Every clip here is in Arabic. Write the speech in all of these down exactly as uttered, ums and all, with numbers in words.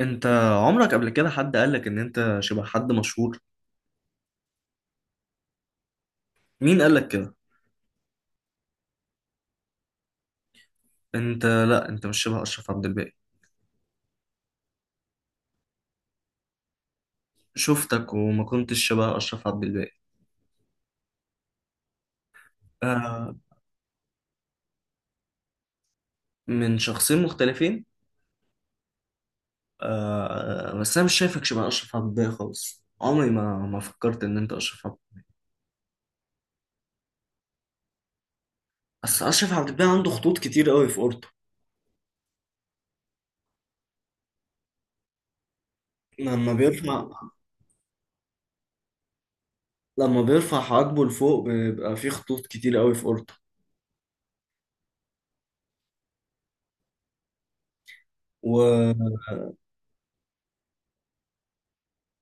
انت عمرك قبل كده حد قالك ان انت شبه حد مشهور؟ مين قالك كده؟ انت، لا انت مش شبه اشرف عبد الباقي. شفتك وما كنتش شبه اشرف عبد الباقي. آه. من شخصين مختلفين. آه، آه، بس انا مش شايفك شبه اشرف عبد الباقي خالص، عمري ما ما فكرت ان انت اشرف عبد. بس اشرف عبد الباقي عنده خطوط كتير قوي في اورته لما بيرفع لما بيرفع حواجبه لفوق بيبقى فيه خطوط كتير قوي في اورته. وانا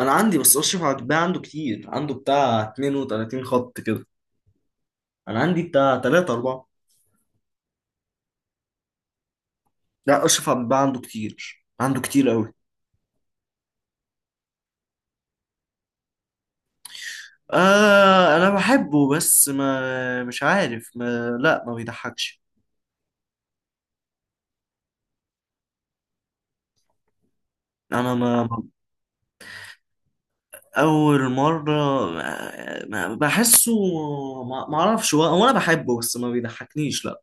عندي، بس اشرف عبد الباقي عنده كتير، عنده بتاع اثنين وثلاثين خط كده، انا عندي بتاع تلاتة اربعة. لا اشرف عبد الباقي عنده كتير، عنده كتير قوي. آه انا بحبه بس ما مش عارف، ما لا ما بيضحكش. انا ما ما- اول مرة، ما ما- بحسه. ما ما اعرفش، هو هو انا بحبه بس ما بيضحكنيش، لا.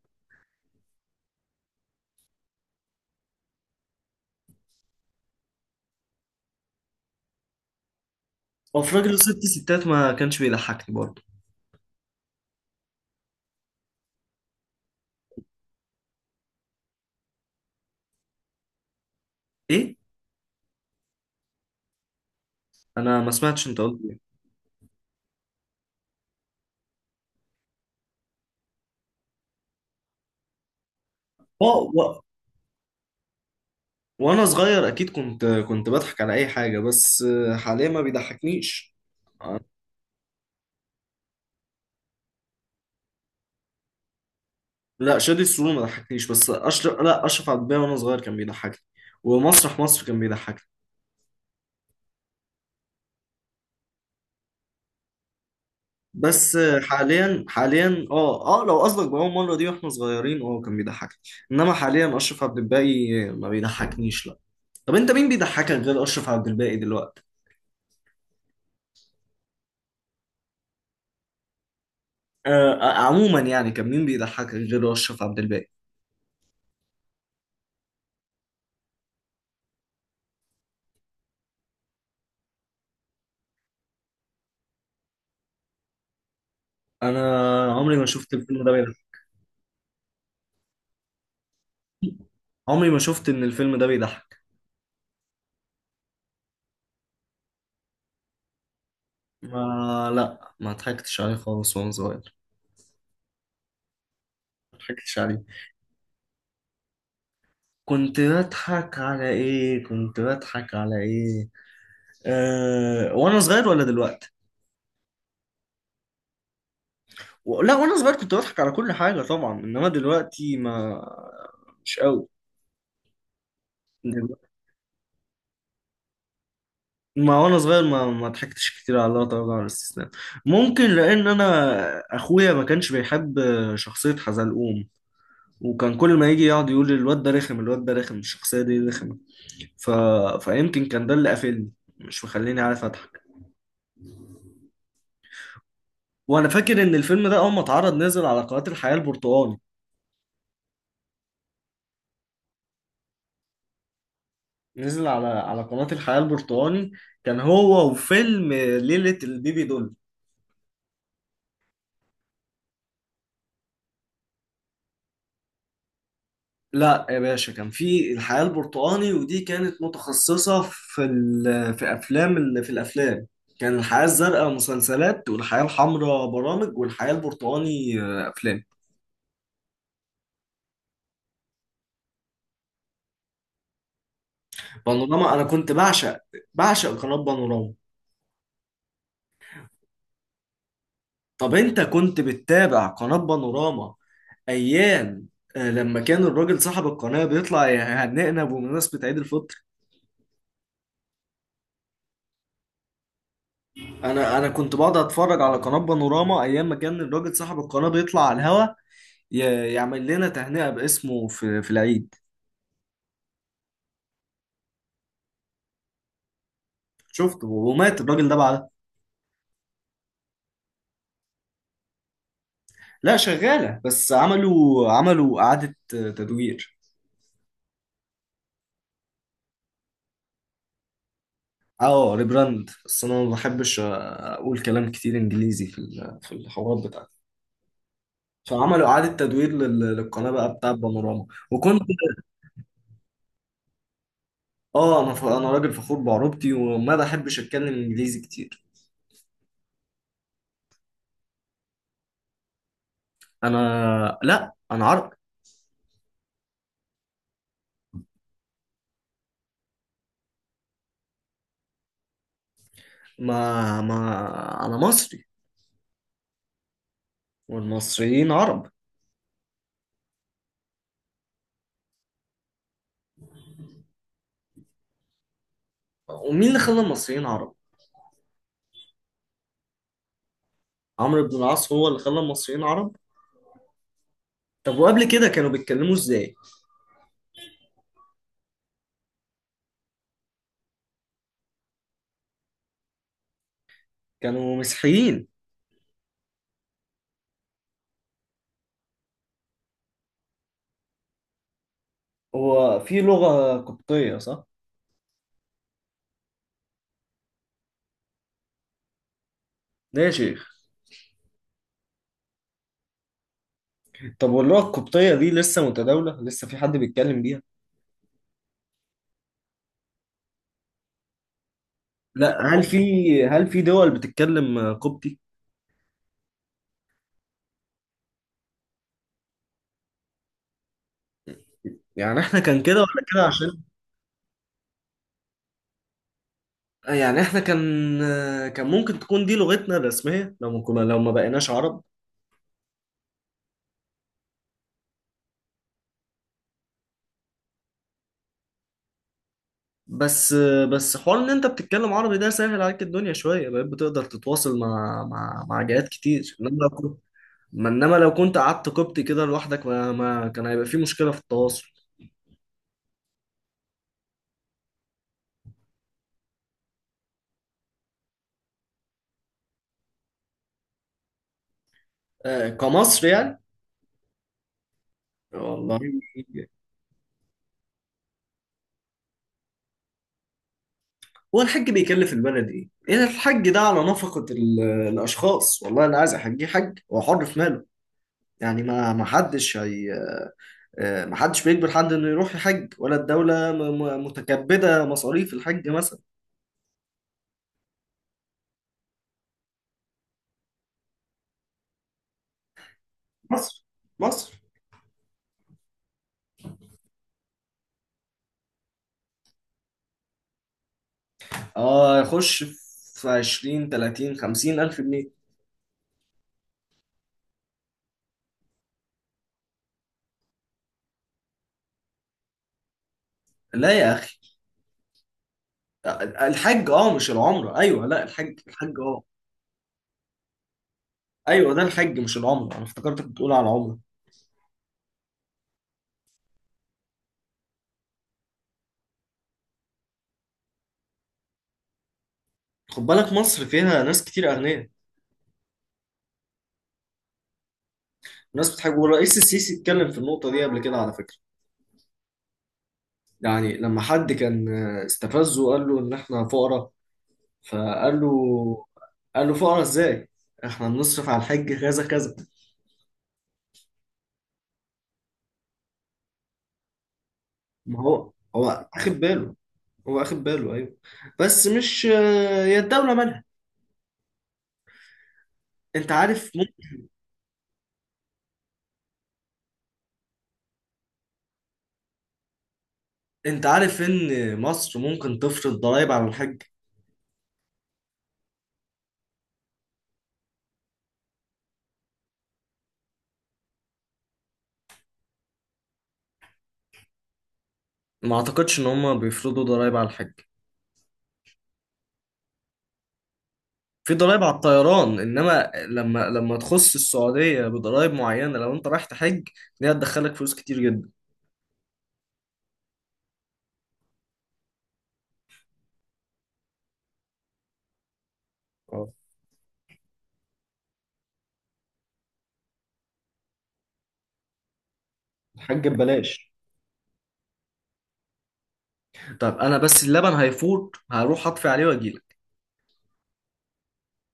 وفي راجل ست ستات ما كانش بيضحكني برضه. ايه؟ انا ما سمعتش انت قلت ايه. و... و... وانا صغير اكيد كنت كنت بضحك على اي حاجة، بس حاليا ما بيضحكنيش. لا شادي سرور ما ضحكنيش، بس اشرف لا اشرف عبد الباقي وانا صغير كان بيضحكني، ومسرح مصر كان بيضحكني. بس حاليا حاليا اه اه لو قصدك بأول مرة دي واحنا صغيرين، اه كان بيضحكني، انما حاليا اشرف عبد الباقي ما بيضحكنيش، لا. طب انت مين بيضحكك غير اشرف عبد الباقي دلوقتي؟ آه، آه، عموما يعني كان مين بيضحكك غير اشرف عبد الباقي؟ انا عمري ما شفت الفيلم ده بيضحك. عمري ما شفت ان الفيلم ده بيضحك. ما لا ما ضحكتش عليه خالص وانا صغير، ما ضحكتش عليه. كنت بضحك على ايه، كنت بضحك على ايه؟ أه... وانا صغير ولا دلوقتي؟ و- لا وانا صغير كنت بضحك على كل حاجة طبعا، انما دلوقتي ما، مش قوي دلوقتي. ما وانا صغير ما ما ضحكتش كتير على الله طبعا، على الاستسلام. ممكن لان انا اخويا ما كانش بيحب شخصية حزلقوم، وكان كل ما يجي يقعد يقول لي الواد ده رخم، الواد ده رخم، الشخصية دي رخمة. ف... فيمكن كان ده اللي قافلني، مش مخليني عارف اضحك. وانا فاكر ان الفيلم ده اول ما اتعرض نزل على قناة الحياة البرتقالي. نزل على على قناة الحياة البرتقالي. كان هو وفيلم ليلة البيبي دول. لا يا باشا، كان في الحياة البرتقالي ودي كانت متخصصة في ال... في افلام ال... في الافلام. كان الحياة الزرقاء مسلسلات، والحياة الحمراء برامج، والحياة البرتقالي آه، افلام. بانوراما، انا كنت بعشق، بعشق قناة بانوراما. طب انت كنت بتتابع قناة بانوراما ايام، آه، لما كان الراجل صاحب القناه بيطلع يهنئنا بمناسبه عيد الفطر؟ انا انا كنت بقعد اتفرج على قناه بانوراما ايام ما كان الراجل صاحب القناه بيطلع على الهوا، ي- يعمل لنا تهنئه باسمه في في العيد. شفت ومات الراجل ده بعدها. لا شغاله، بس عملوا عملوا اعاده تدوير. اه ريبراند، بس انا ما بحبش اقول كلام كتير انجليزي في ال- في الحوارات بتاعتي. فعملوا اعاده تدوير لل- للقناه بقى بتاع بانوراما، وكنا. اه انا ف... انا راجل فخور بعروبتي وما بحبش اتكلم انجليزي كتير. انا، لا، انا عربي. ما ما انا مصري والمصريين عرب. ومين اللي خلى المصريين عرب؟ عمرو بن العاص هو اللي خلى المصريين عرب. طب وقبل كده كانوا بيتكلموا ازاي؟ كانوا مسيحيين. هو في لغة قبطية صح؟ ده يا شيخ. طب واللغة القبطية دي لسه متداولة، لسه في حد بيتكلم بيها؟ لا، هل في هل في دول بتتكلم قبطي؟ يعني احنا كان كده ولا كده عشان، آه، يعني احنا كان آه، كان ممكن تكون دي لغتنا الرسمية لو ما كنا، لو ما بقيناش عرب. بس آه، بس حوار ان انت بتتكلم عربي ده سهل عليك الدنيا شوية، بقيت بتقدر تتواصل مع مع مع جهات كتير، انما لو كنت ما انما لو كنت قعدت قبطي كده لوحدك، ما, ما كان هيبقى في مشكلة في التواصل. آه، كمصر يعني. والله. هو الحج بيكلف البلد ايه؟ ايه الحج ده على نفقة ال- الاشخاص، والله اللي عايز احجيه حج هو حر في ماله. يعني ما ما حدش هي، آه، محدش بيجبر حد انه يروح يحج، ولا الدولة م- م- متكبدة مصاريف الحج مثلا. مصر، مصر. اه يخش في عشرين تلاتين خمسين الف جنيه. لا يا اخي، الحج اه مش العمرة. ايوه، لا الحج الحج اه، ايوه ده الحج مش العمرة، انا افتكرتك بتقول على العمرة. خد بالك مصر فيها ناس كتير اغنياء. ناس بتحج، والرئيس السيسي اتكلم في النقطة دي قبل كده على فكرة. يعني لما حد كان آه، استفزه وقال له ان احنا فقراء، فقال له، قال له فقرا ازاي؟ احنا بنصرف على الحج كذا كذا. ما هو هو اخد باله، هو اخد باله ايوه. بس مش آه، هي الدولة مالها. انت عارف مم... انت عارف ان مصر ممكن تفرض ضرائب على الحج. ما اعتقدش ان هم بيفرضوا ضرائب على الحج. في ضرائب على الطيران، انما لما لما تخص السعودية بضرائب معينة لو انت رايح تحج، دي هتدخلك فلوس كتير جدا. اه الحج ببلاش. طب انا بس اللبن هيفوت، هروح اطفي عليه واجيلك.